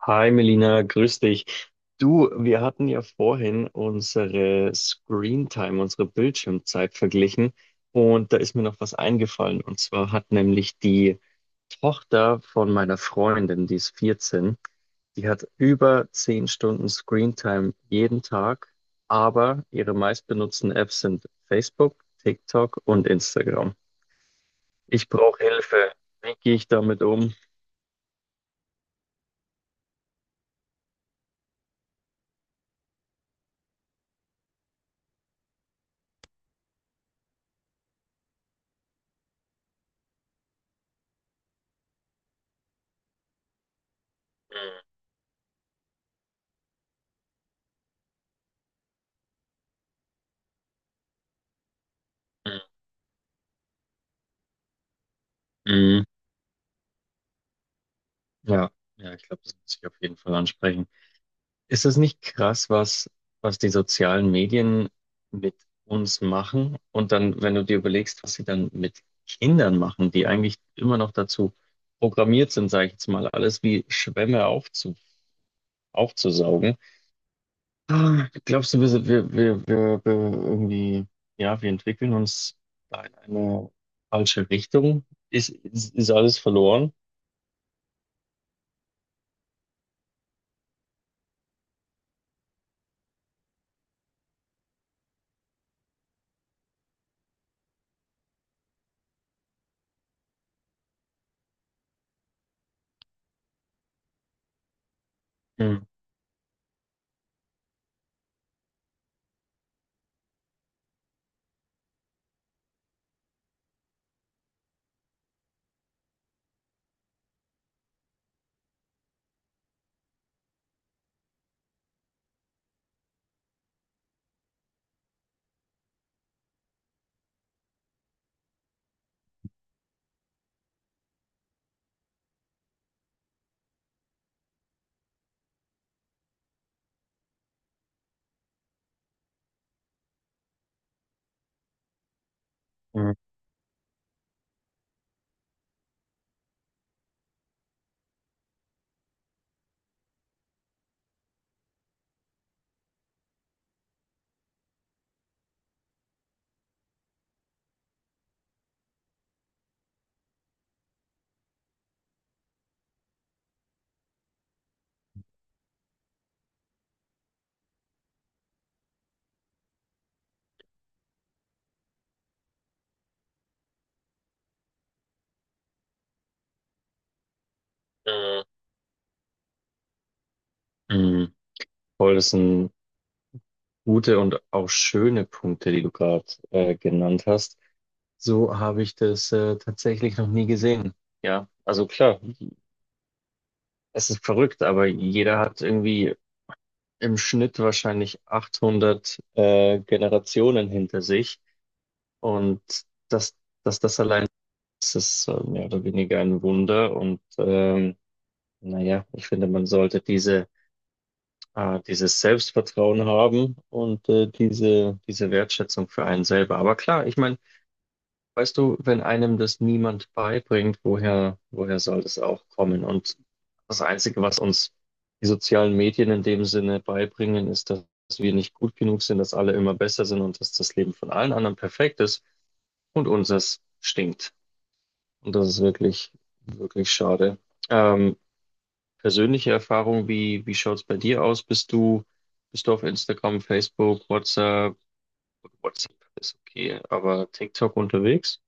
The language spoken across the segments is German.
Hi Melina, grüß dich. Du, wir hatten ja vorhin unsere Screen Time, unsere Bildschirmzeit verglichen und da ist mir noch was eingefallen und zwar hat nämlich die Tochter von meiner Freundin, die ist 14. Die hat über 10 Stunden Screen Time jeden Tag, aber ihre meistbenutzten Apps sind Facebook, TikTok und Instagram. Ich brauche Hilfe. Wie gehe ich damit um? Mm, mm, Ja, ja, ich glaube, das muss ich auf jeden Fall ansprechen. Ist das nicht krass was die sozialen Medien mit uns machen? Und dann, wenn du dir überlegst, was sie dann mit Kindern machen, die eigentlich immer noch dazu programmiert sind, sage ich jetzt mal, alles wie Schwämme aufzusaugen. Glaubst du, wir, sind- wir irgendwie, ja, wir entwickeln uns da in eine falsche Richtung? Ist alles verloren? Hm, hm, hm, hm. Voll, das ist ein gute und auch schöne Punkte, die du gerade genannt hast. So habe ich das tatsächlich noch nie gesehen. Ja, also klar, es ist verrückt, aber jeder hat irgendwie im Schnitt wahrscheinlich 800 Generationen hinter sich. Und dass, dass das allein ist mehr oder weniger ein Wunder. Und naja, ich finde, man sollte dieses Selbstvertrauen haben und diese, diese Wertschätzung für einen selber. Aber klar, ich meine, weißt du, wenn einem das niemand beibringt, woher soll das auch kommen? Und das Einzige, was uns die sozialen Medien in dem Sinne beibringen, ist, dass wir nicht gut genug sind, dass alle immer besser sind und dass das Leben von allen anderen perfekt ist und unseres stinkt. Und das ist wirklich schade. Ähm, Persönliche Erfahrung, wie schaut's bei dir aus? Bist du auf Instagram, Facebook, WhatsApp? WhatsApp ist okay, aber TikTok unterwegs?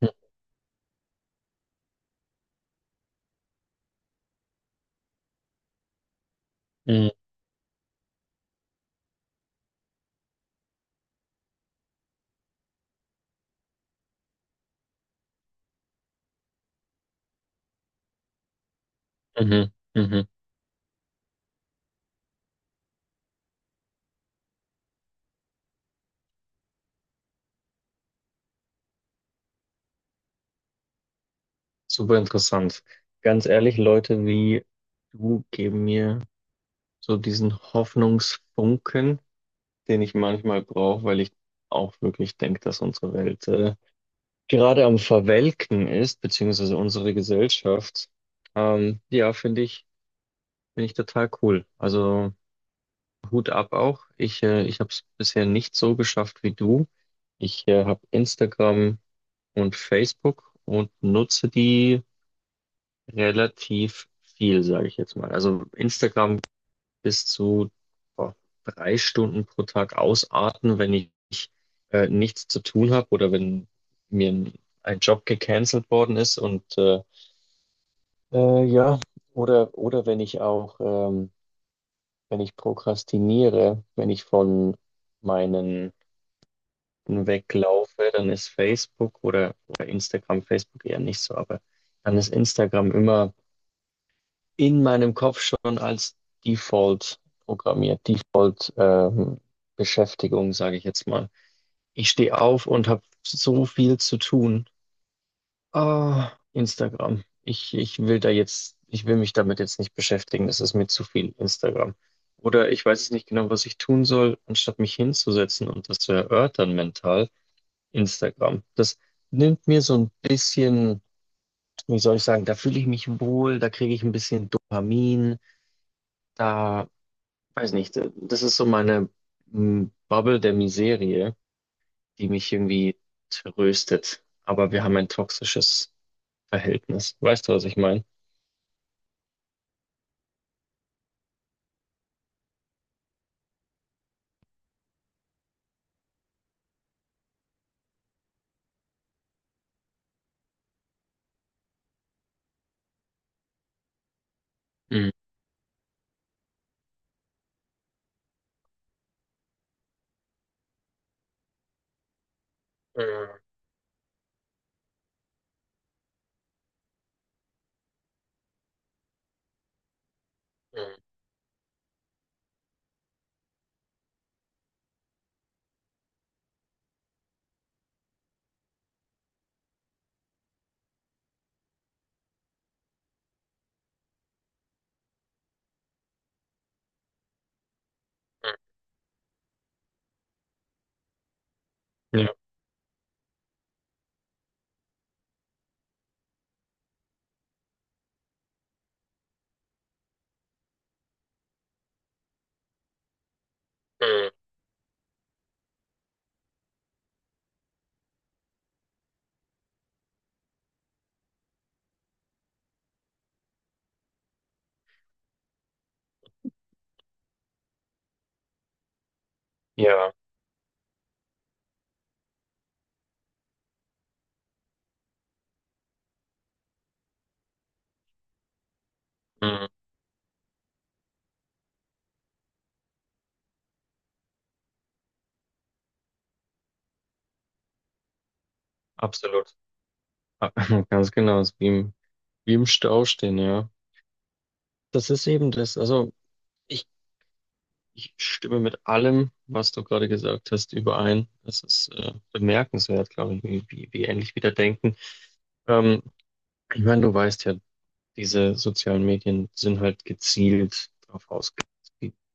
Mhm, mhm. Super interessant. Ganz ehrlich, Leute wie du geben mir so diesen Hoffnungsfunken, den ich manchmal brauche, weil ich auch wirklich denke, dass unsere Welt gerade am Verwelken ist, beziehungsweise unsere Gesellschaft. Ja, finde ich total cool. Also Hut ab auch. Ich habe es bisher nicht so geschafft wie du. Ich habe Instagram und Facebook und nutze die relativ viel, sage ich jetzt mal. Also Instagram bis zu boah, 3 Stunden pro Tag ausarten, wenn ich nichts zu tun habe oder wenn mir ein Job gecancelt worden ist und ja, oder wenn ich auch wenn ich prokrastiniere, wenn ich von meinen weglaufe, dann ist Facebook oder Instagram, Facebook eher nicht so, aber dann ist Instagram immer in meinem Kopf schon als Default programmiert, Default Beschäftigung, sage ich jetzt mal. Ich stehe auf und habe so viel zu tun. Ah, Instagram. Ich will da jetzt, ich will mich damit jetzt nicht beschäftigen. Das ist mir zu viel Instagram. Oder ich weiß es nicht genau, was ich tun soll, anstatt mich hinzusetzen und das zu erörtern mental. Instagram. Das nimmt mir so ein bisschen, wie soll ich sagen, da fühle ich mich wohl, da kriege ich ein bisschen Dopamin, da weiß nicht, das ist so meine Bubble der Miserie, die mich irgendwie tröstet. Aber wir haben ein toxisches Verhältnis. Weißt du, was ich meine? Mhm. Mhm. Mhm. Ja, Mhm. ja, Mhm. absolut. Ah, Ganz genau, ist wie wie im Stau stehen, ja. Das ist eben das. Also ich, ich stimme mit allem, was du gerade gesagt hast, überein. Es ist bemerkenswert, glaube ich, wie ähnlich wir da denken. Ähm, ich meine, du weißt ja, diese sozialen Medien sind halt gezielt darauf ausgelegt.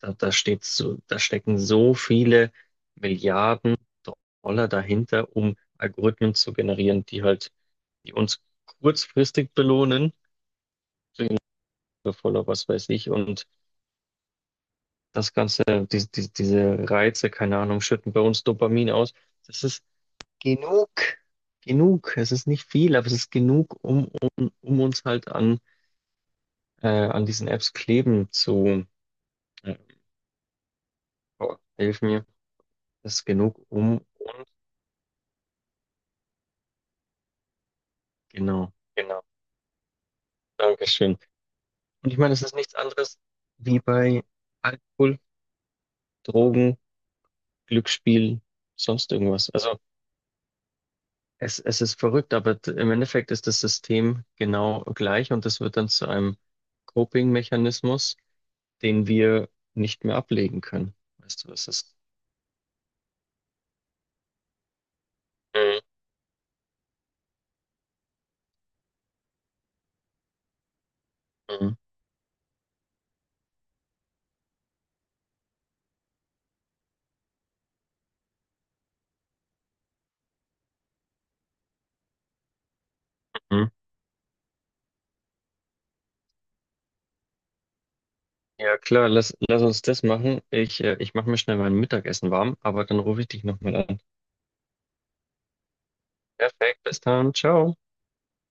Da steht so, da stecken so viele Milliarden Dollar dahinter, um Algorithmen zu generieren, die halt, die uns kurzfristig belohnen, voller was weiß ich, und das Ganze, diese Reize, keine Ahnung, schütten bei uns Dopamin aus. Das ist genug, genug. Es ist nicht viel, aber es ist genug, um uns halt an diesen Apps kleben äh, Oh, hilf mir. Das ist genug um und genau, genau. Dankeschön. Und ich meine, es ist nichts anderes wie bei Alkohol, Drogen, Glücksspiel, sonst irgendwas. Also es ist verrückt, aber im Endeffekt ist das System genau gleich und das wird dann zu einem Coping-Mechanismus, den wir nicht mehr ablegen können. Weißt du, das ist. Mhm. Mhm. Mhm. Ja klar, lass uns das machen. Ich mache mir schnell mein Mittagessen warm, aber dann rufe ich dich nochmal an. Perfekt, bis dann, ciao.